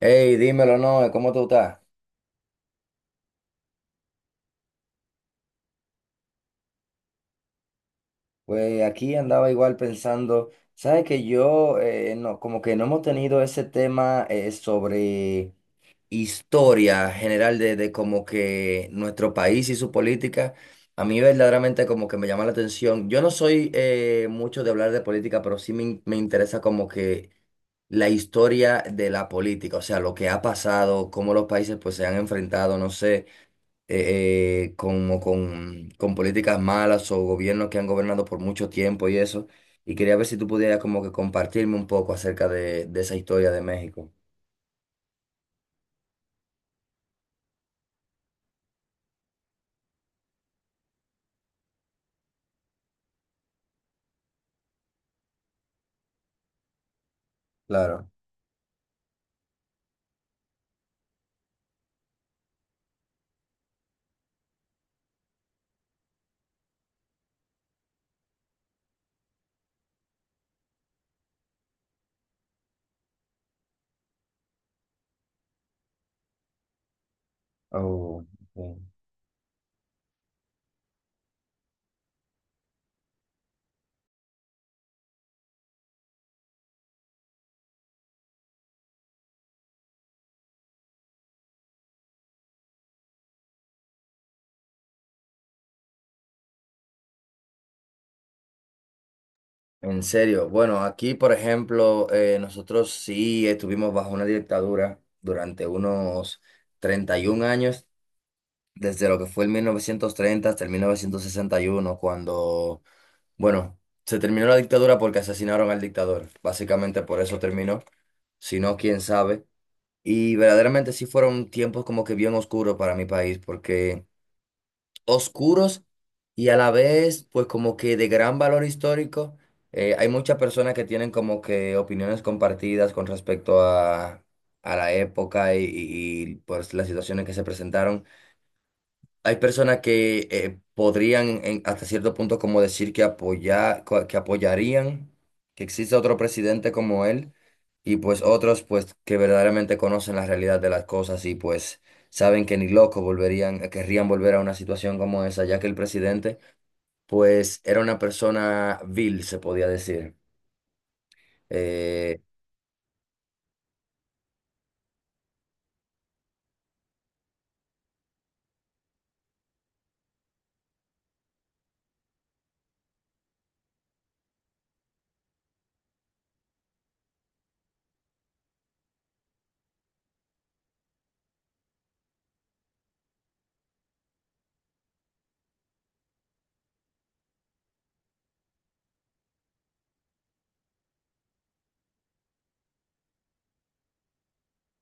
Hey, dímelo, no, ¿cómo tú estás? Pues aquí andaba igual pensando, sabes que yo, no, como que no hemos tenido ese tema sobre historia general de como que nuestro país y su política, a mí verdaderamente como que me llama la atención. Yo no soy mucho de hablar de política, pero sí me, me interesa como que la historia de la política, o sea, lo que ha pasado, cómo los países pues se han enfrentado, no sé. Como con políticas malas o gobiernos que han gobernado por mucho tiempo y eso. Y quería ver si tú pudieras como que compartirme un poco acerca de esa historia de México. Claro. Oh, ok. En serio, bueno, aquí por ejemplo, nosotros sí estuvimos bajo una dictadura durante unos 31 años, desde lo que fue el 1930 hasta el 1961 cuando, bueno, se terminó la dictadura porque asesinaron al dictador, básicamente por eso terminó. Si no, quién sabe. Y verdaderamente sí fueron tiempos como que bien oscuros para mi país, porque oscuros y a la vez, pues como que de gran valor histórico. Hay muchas personas que tienen como que opiniones compartidas con respecto a la época y, pues las situaciones que se presentaron. Hay personas que podrían hasta cierto punto como decir que que apoyarían que exista otro presidente como él y pues otros pues que verdaderamente conocen la realidad de las cosas y pues saben que ni loco volverían, querrían volver a una situación como esa, ya que el presidente pues era una persona vil, se podía decir. Eh,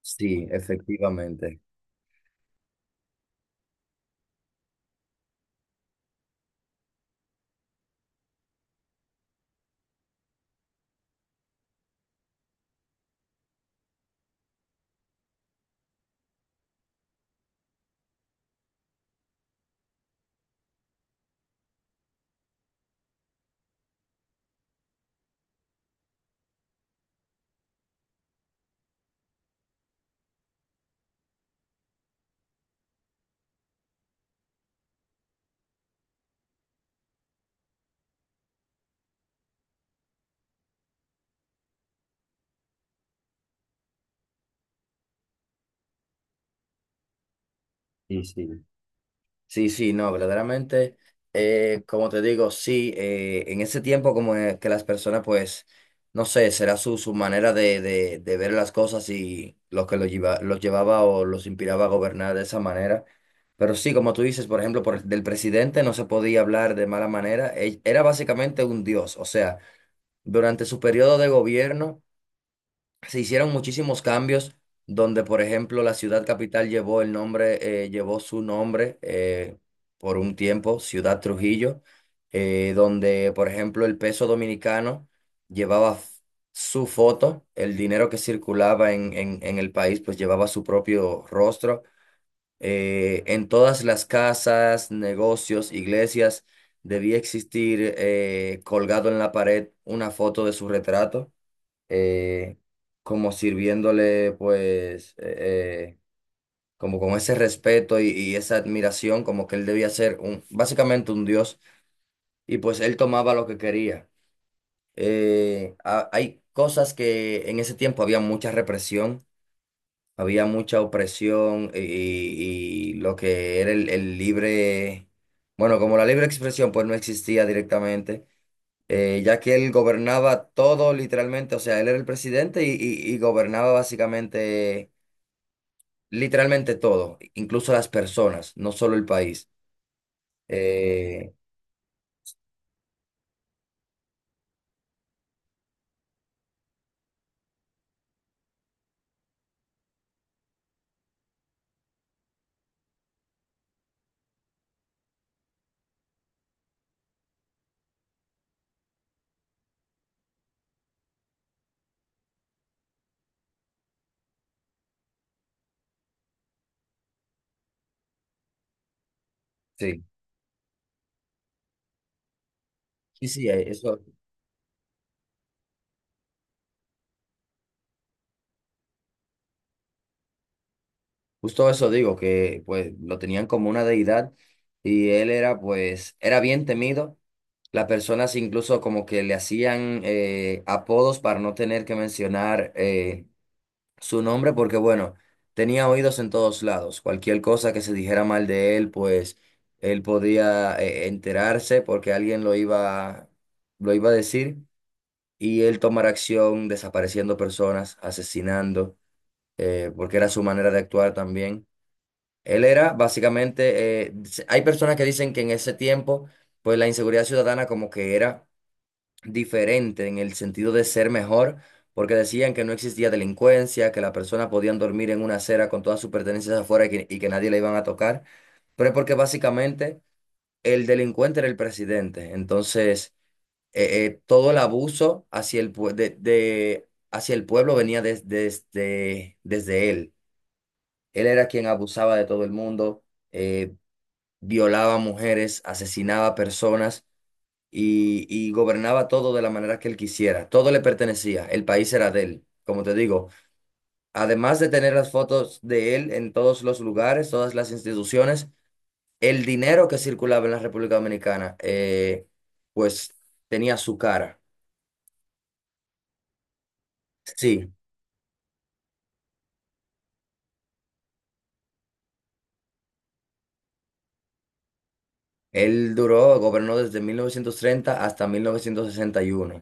sí, efectivamente. Sí, sí. Sí, sí, no, verdaderamente, como te digo, sí, en ese tiempo como es que las personas, pues, no sé, será su manera de, de ver las cosas y lo que los lleva, los llevaba o los inspiraba a gobernar de esa manera. Pero sí, como tú dices, por ejemplo, por, del presidente no se podía hablar de mala manera, era básicamente un dios, o sea, durante su periodo de gobierno se hicieron muchísimos cambios donde, por ejemplo, la ciudad capital llevó el nombre, llevó su nombre por un tiempo, Ciudad Trujillo, donde, por ejemplo, el peso dominicano llevaba su foto, el dinero que circulaba en el país, pues llevaba su propio rostro. En todas las casas, negocios, iglesias, debía existir colgado en la pared una foto de su retrato eh, como sirviéndole pues como con ese respeto y esa admiración, como que él debía ser un, básicamente un dios y pues él tomaba lo que quería. Hay cosas que en ese tiempo había mucha represión, había mucha opresión y lo que era el libre, bueno, como la libre expresión pues no existía directamente ya que él gobernaba todo literalmente, o sea, él era el presidente y gobernaba básicamente, literalmente todo, incluso las personas, no solo el país. Eh, sí, sí, sí, eso, justo eso digo, que pues lo tenían como una deidad y él era pues, era bien temido. Las personas incluso como que le hacían apodos para no tener que mencionar su nombre porque, bueno, tenía oídos en todos lados. Cualquier cosa que se dijera mal de él, pues él podía enterarse porque alguien lo iba a decir y él tomar acción desapareciendo personas, asesinando, porque era su manera de actuar también. Él era básicamente, hay personas que dicen que en ese tiempo, pues la inseguridad ciudadana como que era diferente en el sentido de ser mejor, porque decían que no existía delincuencia, que las personas podían dormir en una acera con todas sus pertenencias afuera y que nadie le iban a tocar, pero es porque básicamente el delincuente era el presidente, entonces todo el abuso hacia el, hacia el pueblo venía desde, desde él. Él era quien abusaba de todo el mundo, eh, violaba mujeres, asesinaba personas y gobernaba todo de la manera que él quisiera. Todo le pertenecía, el país era de él, como te digo. Además de tener las fotos de él en todos los lugares, todas las instituciones, el dinero que circulaba en la República Dominicana, pues tenía su cara. Sí, él duró, gobernó desde 1930 hasta mil novecientos sesenta y uno.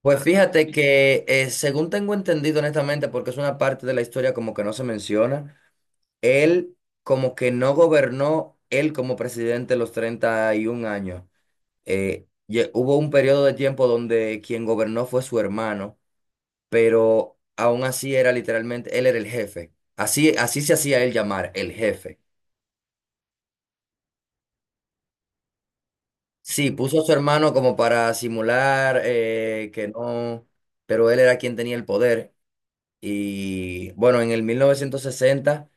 Pues fíjate que, según tengo entendido honestamente, porque es una parte de la historia como que no se menciona, él como que no gobernó, él como presidente los 31 años. Hubo un periodo de tiempo donde quien gobernó fue su hermano, pero aún así era literalmente, él era el jefe. Así, así se hacía él llamar, el jefe. Sí, puso a su hermano como para simular que no, pero él era quien tenía el poder. Y bueno, en el 1960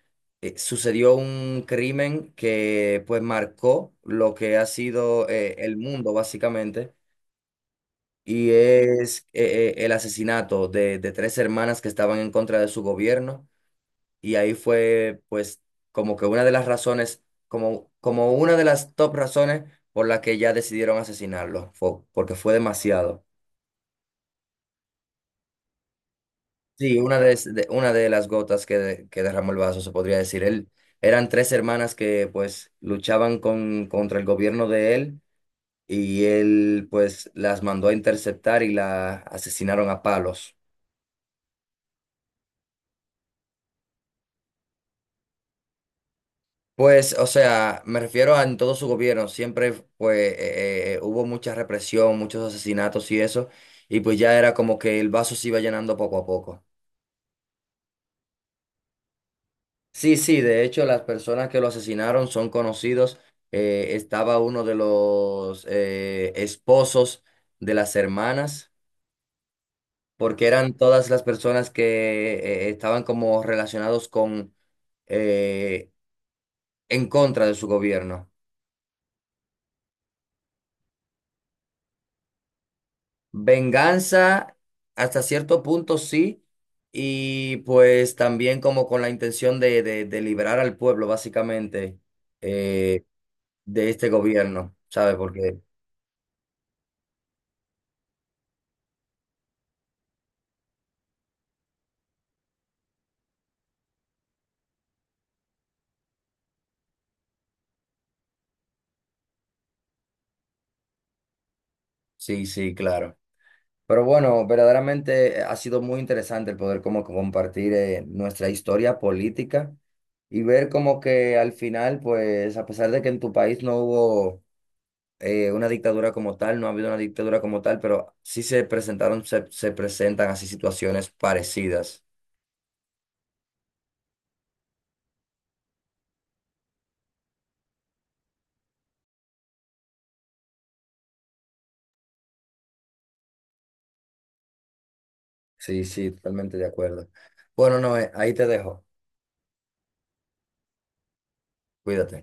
sucedió un crimen que pues marcó lo que ha sido el mundo básicamente, y es el asesinato de tres hermanas que estaban en contra de su gobierno, y ahí fue pues como que una de las razones, como, como una de las top razones por la que ya decidieron asesinarlo, fue, porque fue demasiado. Sí, una una de las gotas que derramó el vaso, se podría decir. Él, eran tres hermanas que pues luchaban con, contra el gobierno de él y él pues las mandó a interceptar y la asesinaron a palos. Pues, o sea, me refiero a en todo su gobierno, siempre pues hubo mucha represión, muchos asesinatos y eso, y pues ya era como que el vaso se iba llenando poco a poco. Sí, sí, de hecho las personas que lo asesinaron son conocidos. Estaba uno de los esposos de las hermanas, porque eran todas las personas que estaban como relacionados con eh, en contra de su gobierno. Venganza hasta cierto punto sí, y pues también como con la intención de liberar al pueblo básicamente eh, de este gobierno, ¿sabes? Porque sí, sí, claro. Pero bueno, verdaderamente ha sido muy interesante el poder como compartir nuestra historia política y ver como que al final, pues a pesar de que en tu país no hubo una dictadura como tal, no ha habido una dictadura como tal, pero sí se presentaron, se presentan así situaciones parecidas. Sí, sí, totalmente de acuerdo. Bueno, no ahí te dejo. Cuídate.